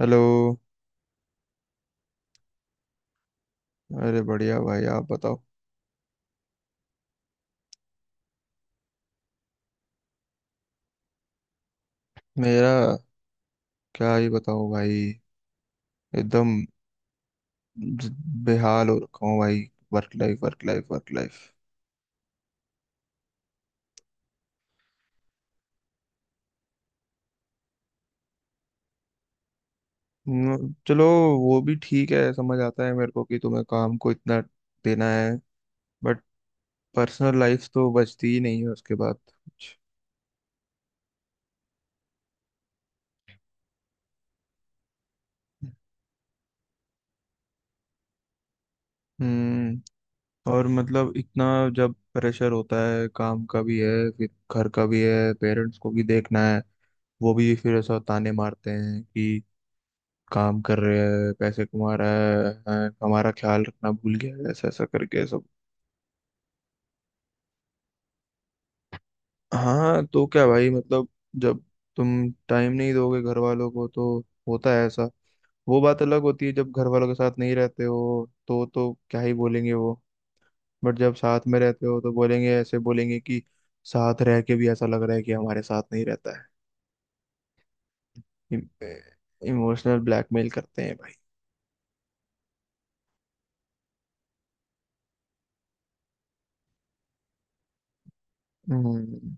Hello. अरे, बढ़िया भाई, आप बताओ। मेरा क्या ही बताओ भाई। एकदम ज- बेहाल हो रखा हूँ भाई। Work life, work life, work life. चलो, वो भी ठीक है, समझ आता है मेरे को कि तुम्हें काम को इतना देना है, बट पर्सनल लाइफ तो बचती ही नहीं है उसके बाद कुछ। हम्म। और मतलब इतना जब प्रेशर होता है काम का भी है, फिर घर का भी है, पेरेंट्स को भी देखना है। वो भी फिर ऐसा ताने मारते हैं कि काम कर रहे हैं, पैसे कमा रहा है हैं, हमारा ख्याल रखना भूल गया है, ऐसा ऐसा करके सब। हाँ, तो क्या भाई, मतलब जब तुम टाइम नहीं दोगे घर वालों को, तो होता है ऐसा। वो बात अलग होती है जब घर वालों के साथ नहीं रहते हो, तो क्या ही बोलेंगे वो। बट जब साथ में रहते हो तो बोलेंगे, ऐसे बोलेंगे कि साथ रह के भी ऐसा लग रहा है कि हमारे साथ नहीं रहता है। इमोशनल ब्लैकमेल करते हैं भाई। हम्म।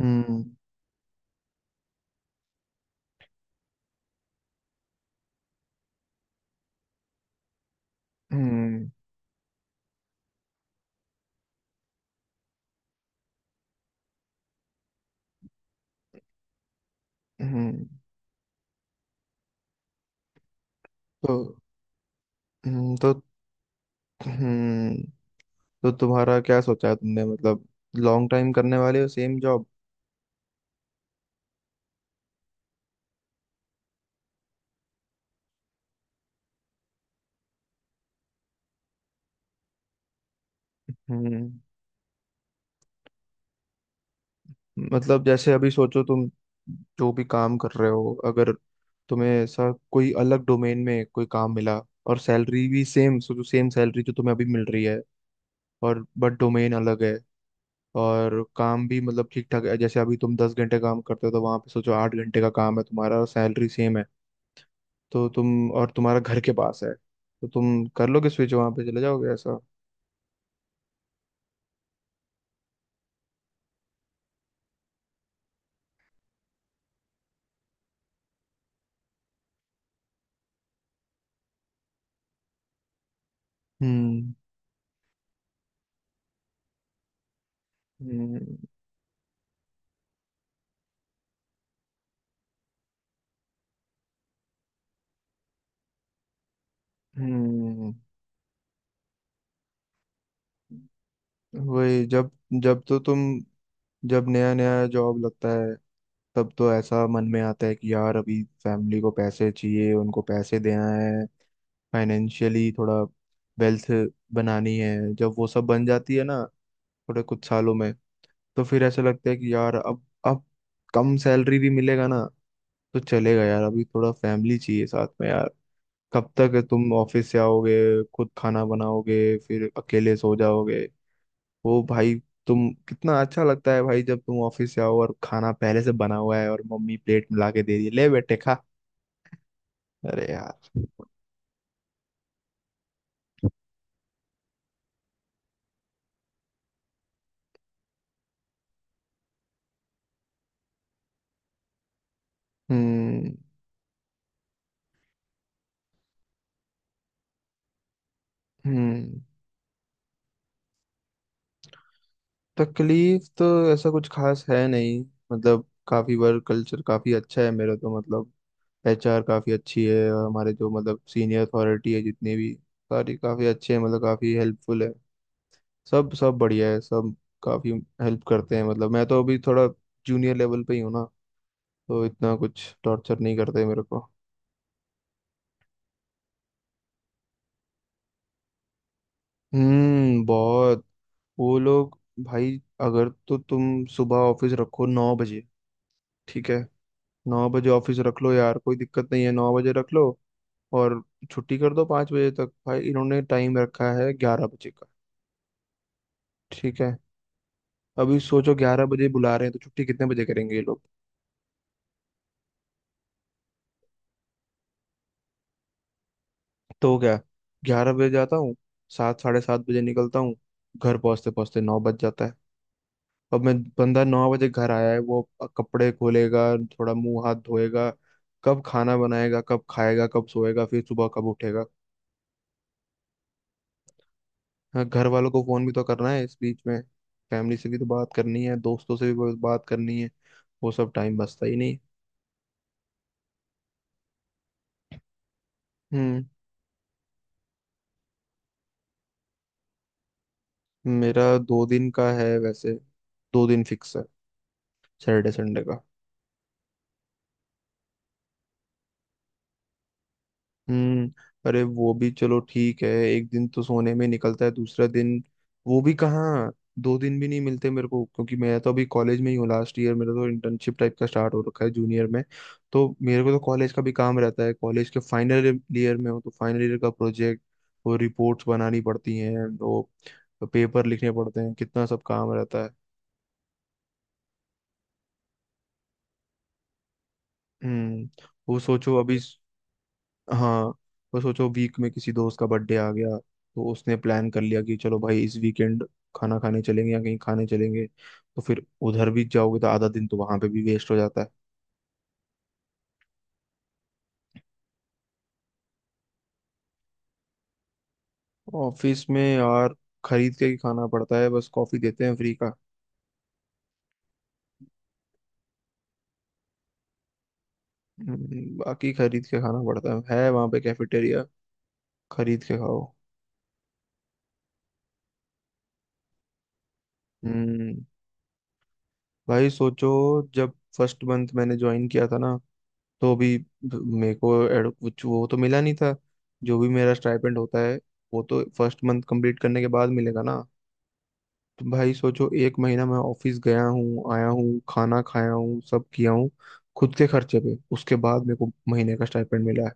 हम्म। हम्म। हम्म, तो तो हम्म। तो तुम्हारा क्या सोचा है तुमने, मतलब लॉन्ग टाइम करने वाले हो सेम जॉब? हम्म। मतलब जैसे अभी सोचो, तुम जो भी काम कर रहे हो, अगर तुम्हें ऐसा कोई अलग डोमेन में कोई काम मिला और सैलरी भी सेम, सोचो सेम सैलरी जो तुम्हें अभी मिल रही है, और बट डोमेन अलग है और काम भी मतलब ठीक ठाक है। जैसे अभी तुम 10 घंटे काम करते हो, तो वहां पे सोचो 8 घंटे का काम है तुम्हारा और सैलरी सेम है। तो तुम, और तुम्हारा घर के पास है, तो तुम कर लोगे स्विच, वहां पे चले जाओगे ऐसा? हम्म। हम्म। हम्म, वही जब जब तो तुम जब नया नया जॉब लगता है, तब तो ऐसा मन में आता है कि यार अभी फैमिली को पैसे चाहिए, उनको पैसे देना है, फाइनेंशियली थोड़ा वेल्थ बनानी है। जब वो सब बन जाती है ना, थोड़े कुछ सालों में, तो फिर ऐसा लगता है कि यार अब कम सैलरी भी मिलेगा ना, तो चलेगा यार, अभी थोड़ा फैमिली चाहिए साथ में। कब तक तुम ऑफिस से आओगे, खुद खाना बनाओगे, फिर अकेले सो जाओगे? वो भाई, तुम कितना अच्छा लगता है भाई जब तुम ऑफिस से आओ और खाना पहले से बना हुआ है और मम्मी प्लेट में ला के दे रही है, ले बेटे खा। अरे यार। हम्म। हम्म। तकलीफ तो ऐसा कुछ खास है नहीं। मतलब काफी, वर्क कल्चर काफी अच्छा है मेरा, तो मतलब एचआर काफी अच्छी है, और हमारे जो मतलब सीनियर अथॉरिटी है जितने भी, सारी काफी अच्छे हैं, मतलब काफी हेल्पफुल है। सब सब बढ़िया है सब। काफी हेल्प करते हैं, मतलब मैं तो अभी थोड़ा जूनियर लेवल पे ही हूँ ना, तो इतना कुछ टॉर्चर नहीं करते मेरे को। हम्म, बहुत। वो लोग, भाई, अगर तो तुम सुबह ऑफिस रखो 9 बजे, ठीक है, 9 बजे ऑफिस रख लो यार, कोई दिक्कत नहीं है, 9 बजे रख लो। और छुट्टी कर दो 5 बजे तक। भाई इन्होंने टाइम रखा है 11 बजे का। ठीक है, अभी सोचो 11 बजे बुला रहे हैं तो छुट्टी कितने बजे करेंगे ये लोग? तो क्या, 11 बजे जाता हूँ, 7 7:30 बजे निकलता हूँ, घर पहुँचते पहुँचते 9 बज जाता है। अब मैं बंदा 9 बजे घर आया है, वो कपड़े खोलेगा, थोड़ा मुंह हाथ धोएगा, कब खाना बनाएगा, कब खाएगा, कब सोएगा, फिर सुबह कब उठेगा? हाँ, घर वालों को फोन भी तो करना है इस बीच में, फैमिली से भी तो बात करनी है, दोस्तों से भी बहुत बात करनी है। वो सब टाइम बचता ही नहीं। हम्म। मेरा 2 दिन का है वैसे, 2 दिन फिक्स है, सैटरडे संडे का। हम्म। अरे, वो भी चलो, ठीक है, एक दिन तो सोने में निकलता है, दूसरा दिन वो भी कहाँ? 2 दिन भी नहीं मिलते मेरे को, क्योंकि मैं तो अभी कॉलेज में ही हूँ, लास्ट ईयर मेरा, तो इंटर्नशिप टाइप का स्टार्ट हो रखा है जूनियर में। तो मेरे को तो कॉलेज का भी काम रहता है, कॉलेज के फाइनल ईयर में हो तो फाइनल ईयर का प्रोजेक्ट, वो रिपोर्ट्स बनानी पड़ती हैं, वो पेपर लिखने पड़ते हैं, कितना सब काम रहता है। हम्म वो सोचो अभी। हाँ, तो सोचो वीक में किसी दोस्त का बर्थडे आ गया, तो उसने प्लान कर लिया कि चलो भाई इस वीकेंड खाना खाने चलेंगे या कहीं खाने चलेंगे, तो फिर उधर भी जाओगे, तो आधा दिन तो वहां पे भी वेस्ट हो जाता है। ऑफिस में यार खरीद के ही खाना पड़ता है, बस कॉफी देते हैं फ्री का। बाकी खरीद के खाना पड़ता है वहां पे कैफेटेरिया, खरीद के खाओ। हम्म। भाई सोचो, जब फर्स्ट मंथ मैंने ज्वाइन किया था ना, तो अभी मेरे को कुछ वो तो मिला नहीं था, जो भी मेरा स्टाइपेंड होता है वो तो फर्स्ट मंथ कंप्लीट करने के बाद मिलेगा ना। तो भाई सोचो, एक महीना मैं ऑफिस गया हूँ, आया हूँ, खाना खाया हूँ, सब किया हूँ खुद के खर्चे पे, उसके बाद मेरे को महीने का स्टाइपेंड मिला है।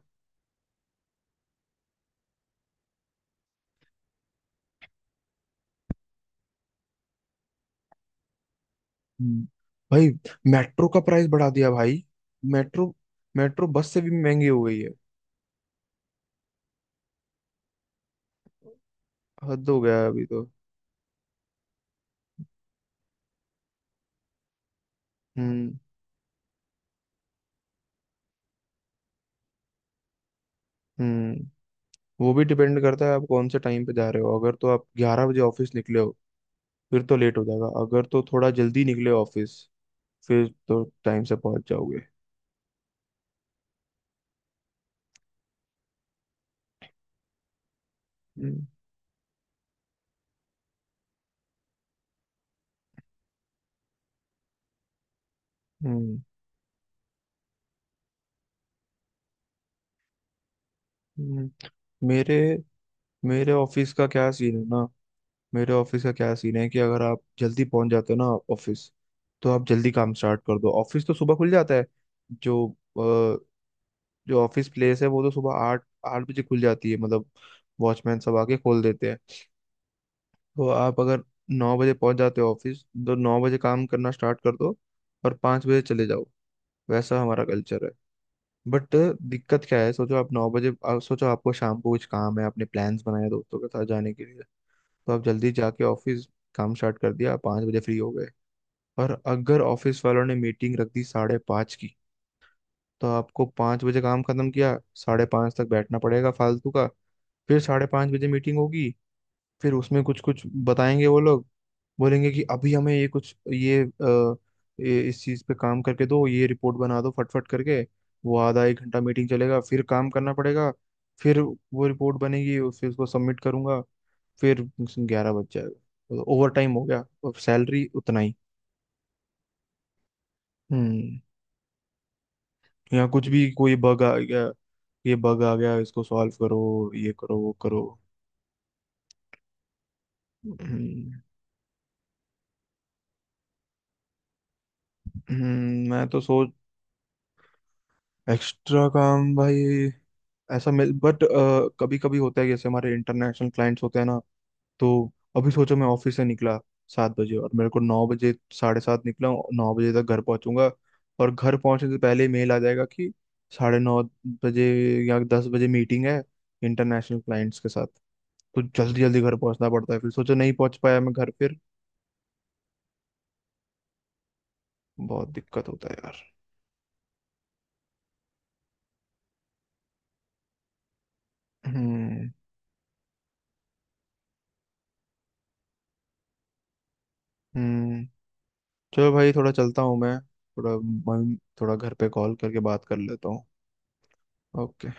हम्म। भाई मेट्रो का प्राइस बढ़ा दिया भाई। मेट्रो मेट्रो बस से भी महंगी हो गई है। हद हो गया है अभी तो। हम्म। हम्म। वो भी डिपेंड करता है आप कौन से टाइम पे जा रहे हो, अगर तो आप ग्यारह बजे ऑफिस निकले हो फिर तो लेट हो जाएगा, अगर तो थोड़ा जल्दी निकले ऑफिस फिर तो टाइम से पहुंच जाओगे। हम्म। हम्म। हम्म। मेरे मेरे ऑफिस का क्या सीन है ना? मेरे ऑफिस का क्या सीन है कि अगर आप जल्दी पहुंच जाते हो ना ऑफिस, तो आप जल्दी काम स्टार्ट कर दो, ऑफिस तो सुबह खुल जाता है। जो अ, जो ऑफिस प्लेस है वो तो सुबह 8-8 बजे खुल जाती है, मतलब वॉचमैन सब आके खोल देते हैं। तो आप अगर 9 बजे पहुंच जाते हो ऑफिस, तो 9 बजे काम करना स्टार्ट कर दो और 5 बजे चले जाओ, वैसा हमारा कल्चर है। बट दिक्कत क्या है, सोचो आप 9 बजे, आप सोचो आपको शाम को कुछ काम है, आपने प्लान्स बनाए दोस्तों के साथ जाने के लिए, तो आप जल्दी जाके ऑफिस काम स्टार्ट कर दिया, आप 5 बजे फ्री हो गए। और अगर ऑफिस वालों ने मीटिंग रख दी 5:30 की, तो आपको 5 बजे काम खत्म किया, 5:30 तक बैठना पड़ेगा फालतू का। फिर 5:30 बजे मीटिंग होगी, फिर उसमें कुछ कुछ बताएंगे वो लोग, बोलेंगे कि अभी हमें ये कुछ ये, अ, ये इस चीज पे काम करके दो, ये रिपोर्ट बना दो फटफट करके। वो आधा एक घंटा मीटिंग चलेगा, फिर काम करना पड़ेगा, फिर वो रिपोर्ट बनेगी और फिर उसको सबमिट करूंगा, फिर 11 बज जाएगा, ओवर टाइम हो गया और सैलरी उतना ही। हम्म। यहाँ कुछ भी कोई बग आ गया, ये बग आ गया इसको सॉल्व करो, ये करो वो करो। हम्म। मैं तो सोच एक्स्ट्रा काम भाई, ऐसा मिल, बट कभी कभी होता है, जैसे हमारे इंटरनेशनल क्लाइंट्स होते हैं ना। तो अभी सोचो, मैं ऑफिस से निकला 7 बजे और मेरे को 9 बजे, साढ़े सात निकला हूँ, 9 बजे तक घर पहुंचूंगा, और घर पहुंचने से पहले मेल आ जाएगा कि 9:30 बजे या 10 बजे मीटिंग है इंटरनेशनल क्लाइंट्स के साथ। तो जल्दी जल्दी घर पहुंचना पड़ता है, फिर सोचो नहीं पहुंच पाया मैं घर, फिर बहुत दिक्कत होता है यार। हम्म। हम्म। चलो भाई थोड़ा चलता हूँ मैं, थोड़ा मम्मी, थोड़ा घर पे कॉल करके बात कर लेता हूँ। ओके।